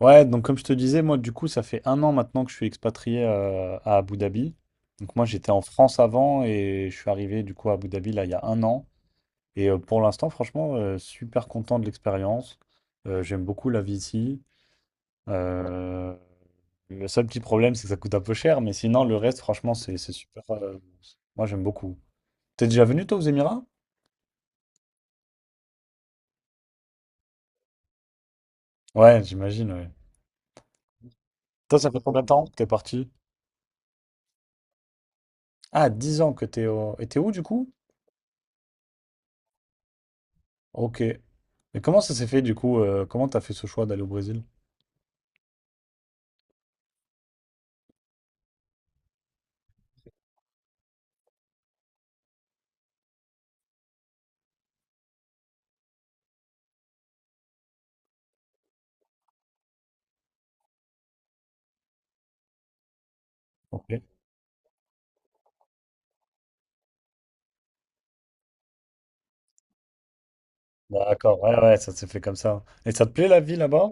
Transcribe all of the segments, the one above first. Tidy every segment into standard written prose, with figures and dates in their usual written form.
Ouais, donc comme je te disais, moi du coup, ça fait un an maintenant que je suis expatrié à Abu Dhabi. Donc moi j'étais en France avant et je suis arrivé du coup à Abu Dhabi là il y a un an. Et pour l'instant, franchement, super content de l'expérience. J'aime beaucoup la vie ici. Euh, le seul petit problème, c'est que ça coûte un peu cher, mais sinon le reste, franchement, c'est super. Moi j'aime beaucoup. T'es déjà venu toi aux Émirats? Ouais, j'imagine, ouais. Toi, ça fait combien de temps que t'es parti? Ah, 10 ans que t'es au... Et t'es où du coup? Ok. Et comment ça s'est fait du coup? Comment t'as fait ce choix d'aller au Brésil? Ok. D'accord, ouais, ouais, ça s'est fait comme ça. Et ça te plaît la vie là-bas?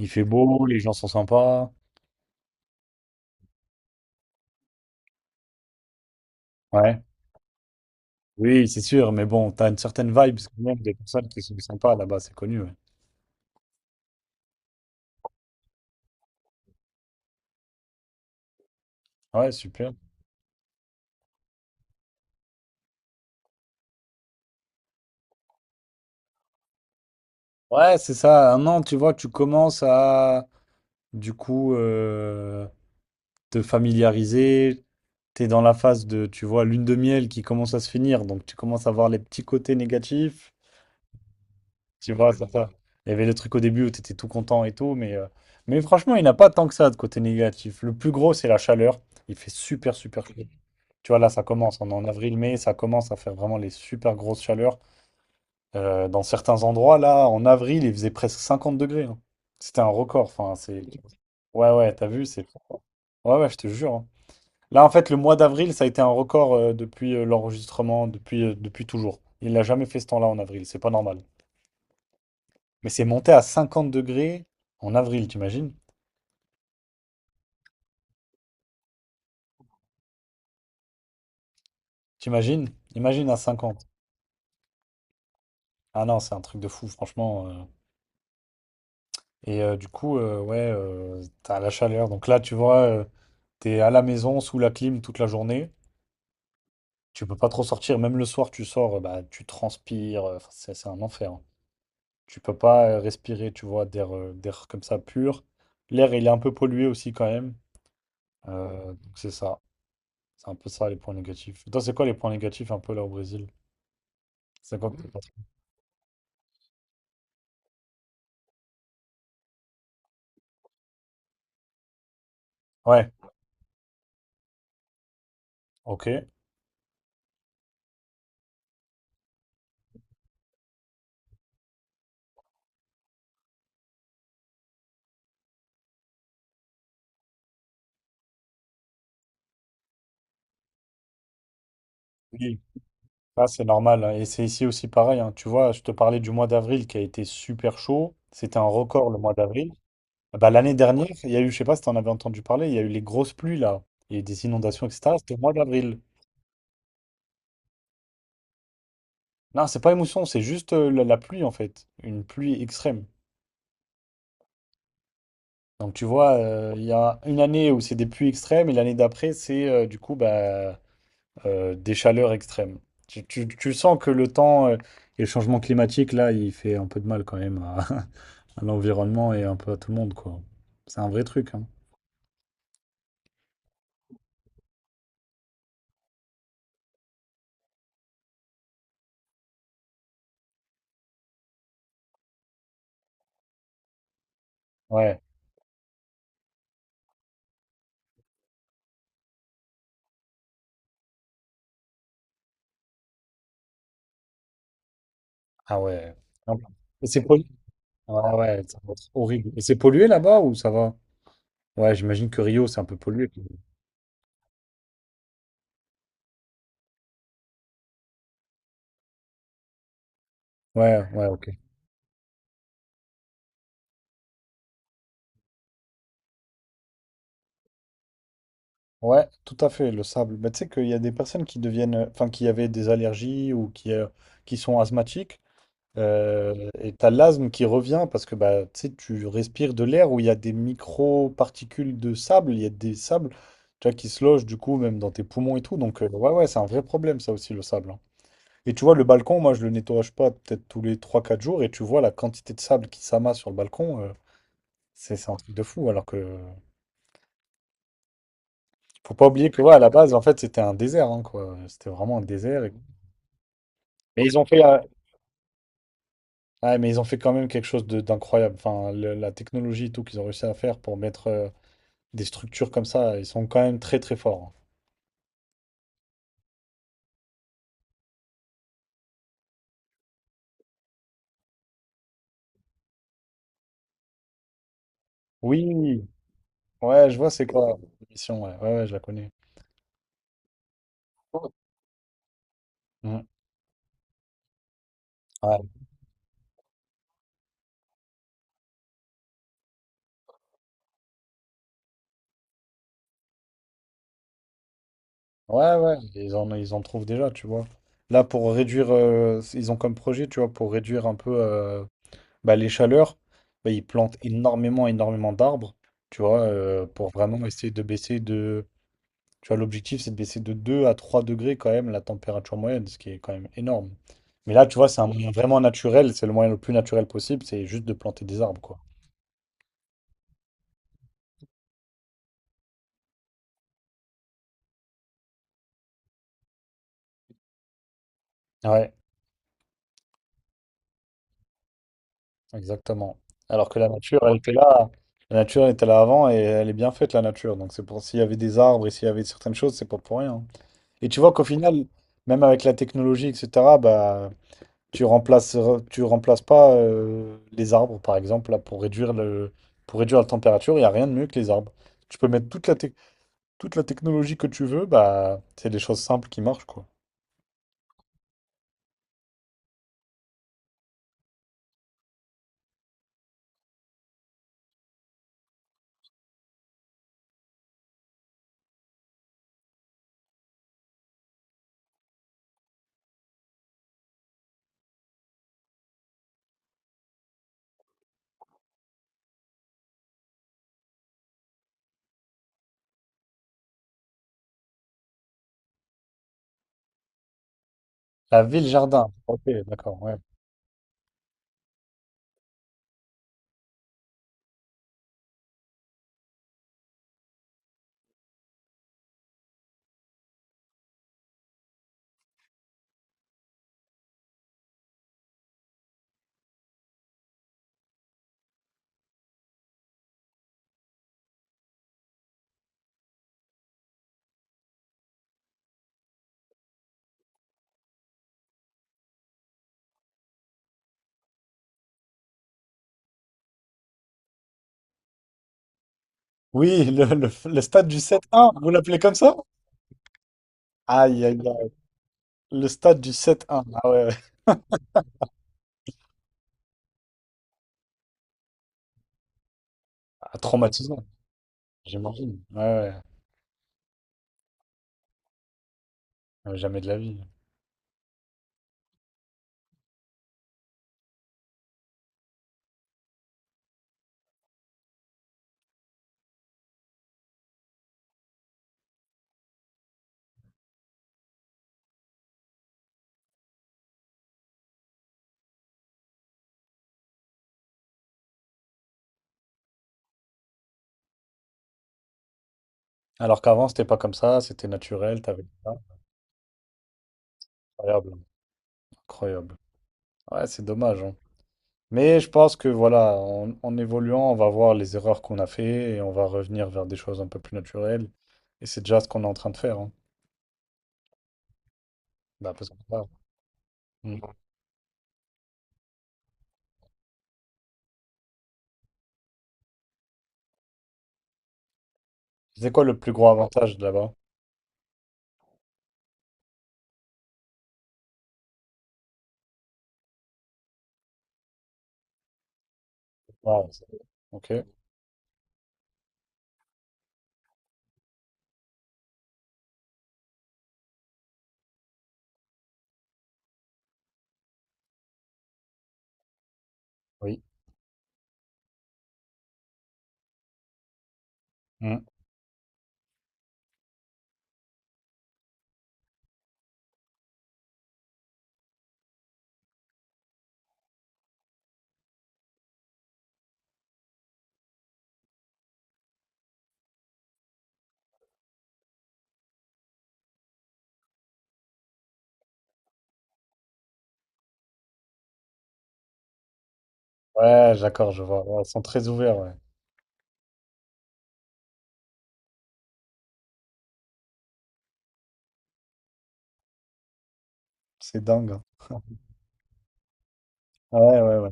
Il fait beau, les gens sont sympas. Ouais. Oui, c'est sûr, mais bon, t'as une certaine vibe quand même des personnes qui sont sympas là-bas, c'est connu. Ouais, ouais, super. Ouais, c'est ça, un an, tu vois, tu commences à, du coup, te familiariser. T'es dans la phase de, tu vois, lune de miel qui commence à se finir, donc tu commences à voir les petits côtés négatifs. Tu vois, ça. Il y avait le truc au début où t'étais tout content et tout, mais franchement, il n'y en a pas tant que ça de côté négatif. Le plus gros, c'est la chaleur. Il fait super, super chaud. Tu vois, là, ça commence. On est en avril-mai, ça commence à faire vraiment les super grosses chaleurs. Dans certains endroits, là, en avril, il faisait presque 50 degrés, hein. C'était un record. Enfin, c'est... Ouais, ouais, t'as vu, c'est... Ouais, ouais, je te jure, hein. Là, en fait, le mois d'avril, ça a été un record depuis l'enregistrement, depuis, depuis toujours. Il n'a jamais fait ce temps-là en avril, c'est pas normal. Mais c'est monté à 50 degrés en avril, t'imagines? T'imagines? Imagine à 50. Ah non, c'est un truc de fou, franchement. Et du coup, ouais, t'as la chaleur. Donc là, tu vois, t'es à la maison sous la clim toute la journée. Tu peux pas trop sortir. Même le soir, tu sors, bah, tu transpires. Enfin, c'est un enfer, hein. Tu peux pas respirer, tu vois, d'air d'air comme ça pur. L'air, il est un peu pollué aussi quand même. Donc c'est ça. C'est un peu ça les points négatifs. Toi, c'est quoi les points négatifs un peu là au Brésil? C'est quoi que t'as pas- Ouais, ok. Oui. Ah, c'est normal, hein. Et c'est ici aussi pareil, hein. Tu vois, je te parlais du mois d'avril qui a été super chaud. C'était un record le mois d'avril. Ah bah, l'année dernière, il y a eu, je sais pas si tu en avais entendu parler, il y a eu les grosses pluies là. Il y a eu des inondations, etc. C'était au mois d'avril. Non, c'est pas émotion, c'est juste la pluie en fait. Une pluie extrême. Donc tu vois, il y a une année où c'est des pluies extrêmes et l'année d'après, c'est du coup bah, des chaleurs extrêmes. Tu sens que le temps et le changement climatique, là, il fait un peu de mal quand même à, à l'environnement et un peu à tout le monde, quoi. C'est un vrai truc, hein. Ouais, ah ouais. Non. Et c'est pollué. Ouais, ouais, ça doit être horrible. Et c'est pollué là-bas ou ça va? Ouais, j'imagine que Rio, c'est un peu pollué. Ouais, ouais, ok. Ouais, tout à fait, le sable. Bah, tu sais qu'il y a des personnes qui deviennent, enfin, qui avaient des allergies ou qui sont asthmatiques. Et t'as l'asthme qui revient parce que bah, tu sais, tu respires de l'air où il y a des micro-particules de sable, il y a des sables, tu vois, qui se logent du coup même dans tes poumons et tout. Donc ouais, ouais, c'est un vrai problème ça aussi le sable, hein. Et tu vois, le balcon, moi je le nettoie pas peut-être tous les trois quatre jours et tu vois la quantité de sable qui s'amasse sur le balcon, c'est un truc de fou. Alors que faut pas oublier que ouais, à la base, en fait, c'était un désert, hein, quoi. C'était vraiment un désert. Mais ils ont fait, ouais, mais ils ont fait quand même quelque chose d'incroyable. Enfin, la technologie et tout qu'ils ont réussi à faire pour mettre. Des structures comme ça, ils sont quand même très très forts. Oui, ouais, je vois c'est quoi l'émission, ouais. Ouais, ouais, je la connais. Mm. Ouais, ouais, ouais, ils en trouvent déjà, tu vois. Là, pour réduire, ils ont comme projet, tu vois, pour réduire un peu bah, les chaleurs, bah, ils plantent énormément, énormément d'arbres, tu vois, pour vraiment essayer de baisser de. Tu vois, l'objectif, c'est de baisser de 2 à 3 degrés quand même la température moyenne, ce qui est quand même énorme. Mais là, tu vois, c'est un moyen vraiment naturel, c'est le moyen le plus naturel possible, c'est juste de planter des arbres, quoi. Ouais, exactement. Alors que la nature, elle était là, la nature était là avant et elle est bien faite, la nature. Donc c'est pour s'il y avait des arbres et s'il y avait certaines choses, c'est pas pour rien, hein. Et tu vois qu'au final, même avec la technologie, etc., bah tu remplaces, tu remplaces pas les arbres, par exemple, là, pour réduire pour réduire la température, il n'y a rien de mieux que les arbres. Tu peux mettre toute la, toute la technologie que tu veux, bah, c'est des choses simples qui marchent, quoi. La ville-jardin. Ok, d'accord, ouais. Oui, le stade du 7-1, vous l'appelez comme ça? Aïe, aïe, aïe. Le stade du 7-1. Ah ouais, ouais. Ah, traumatisant, j'imagine. Ouais, ouais. Ouais, jamais de la vie. Alors qu'avant, c'était pas comme ça, c'était naturel, t'avais ça. Incroyable, incroyable. Ouais, c'est dommage, hein. Mais je pense que voilà, en évoluant, on va voir les erreurs qu'on a fait et on va revenir vers des choses un peu plus naturelles. Et c'est déjà ce qu'on est en train de faire, hein. Bah, parce que, voilà. Mm. C'est quoi le plus gros avantage de là-bas? Ah, ok, oui. Mm. Ouais, d'accord, je vois. Ouais, ils sont très ouverts, ouais. C'est dingue, hein. Ouais, ouais, ouais.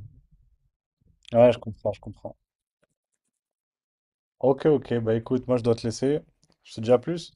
Ouais, je comprends, je comprends. Ok, ok, bah écoute, moi je dois te laisser. Je te dis à plus.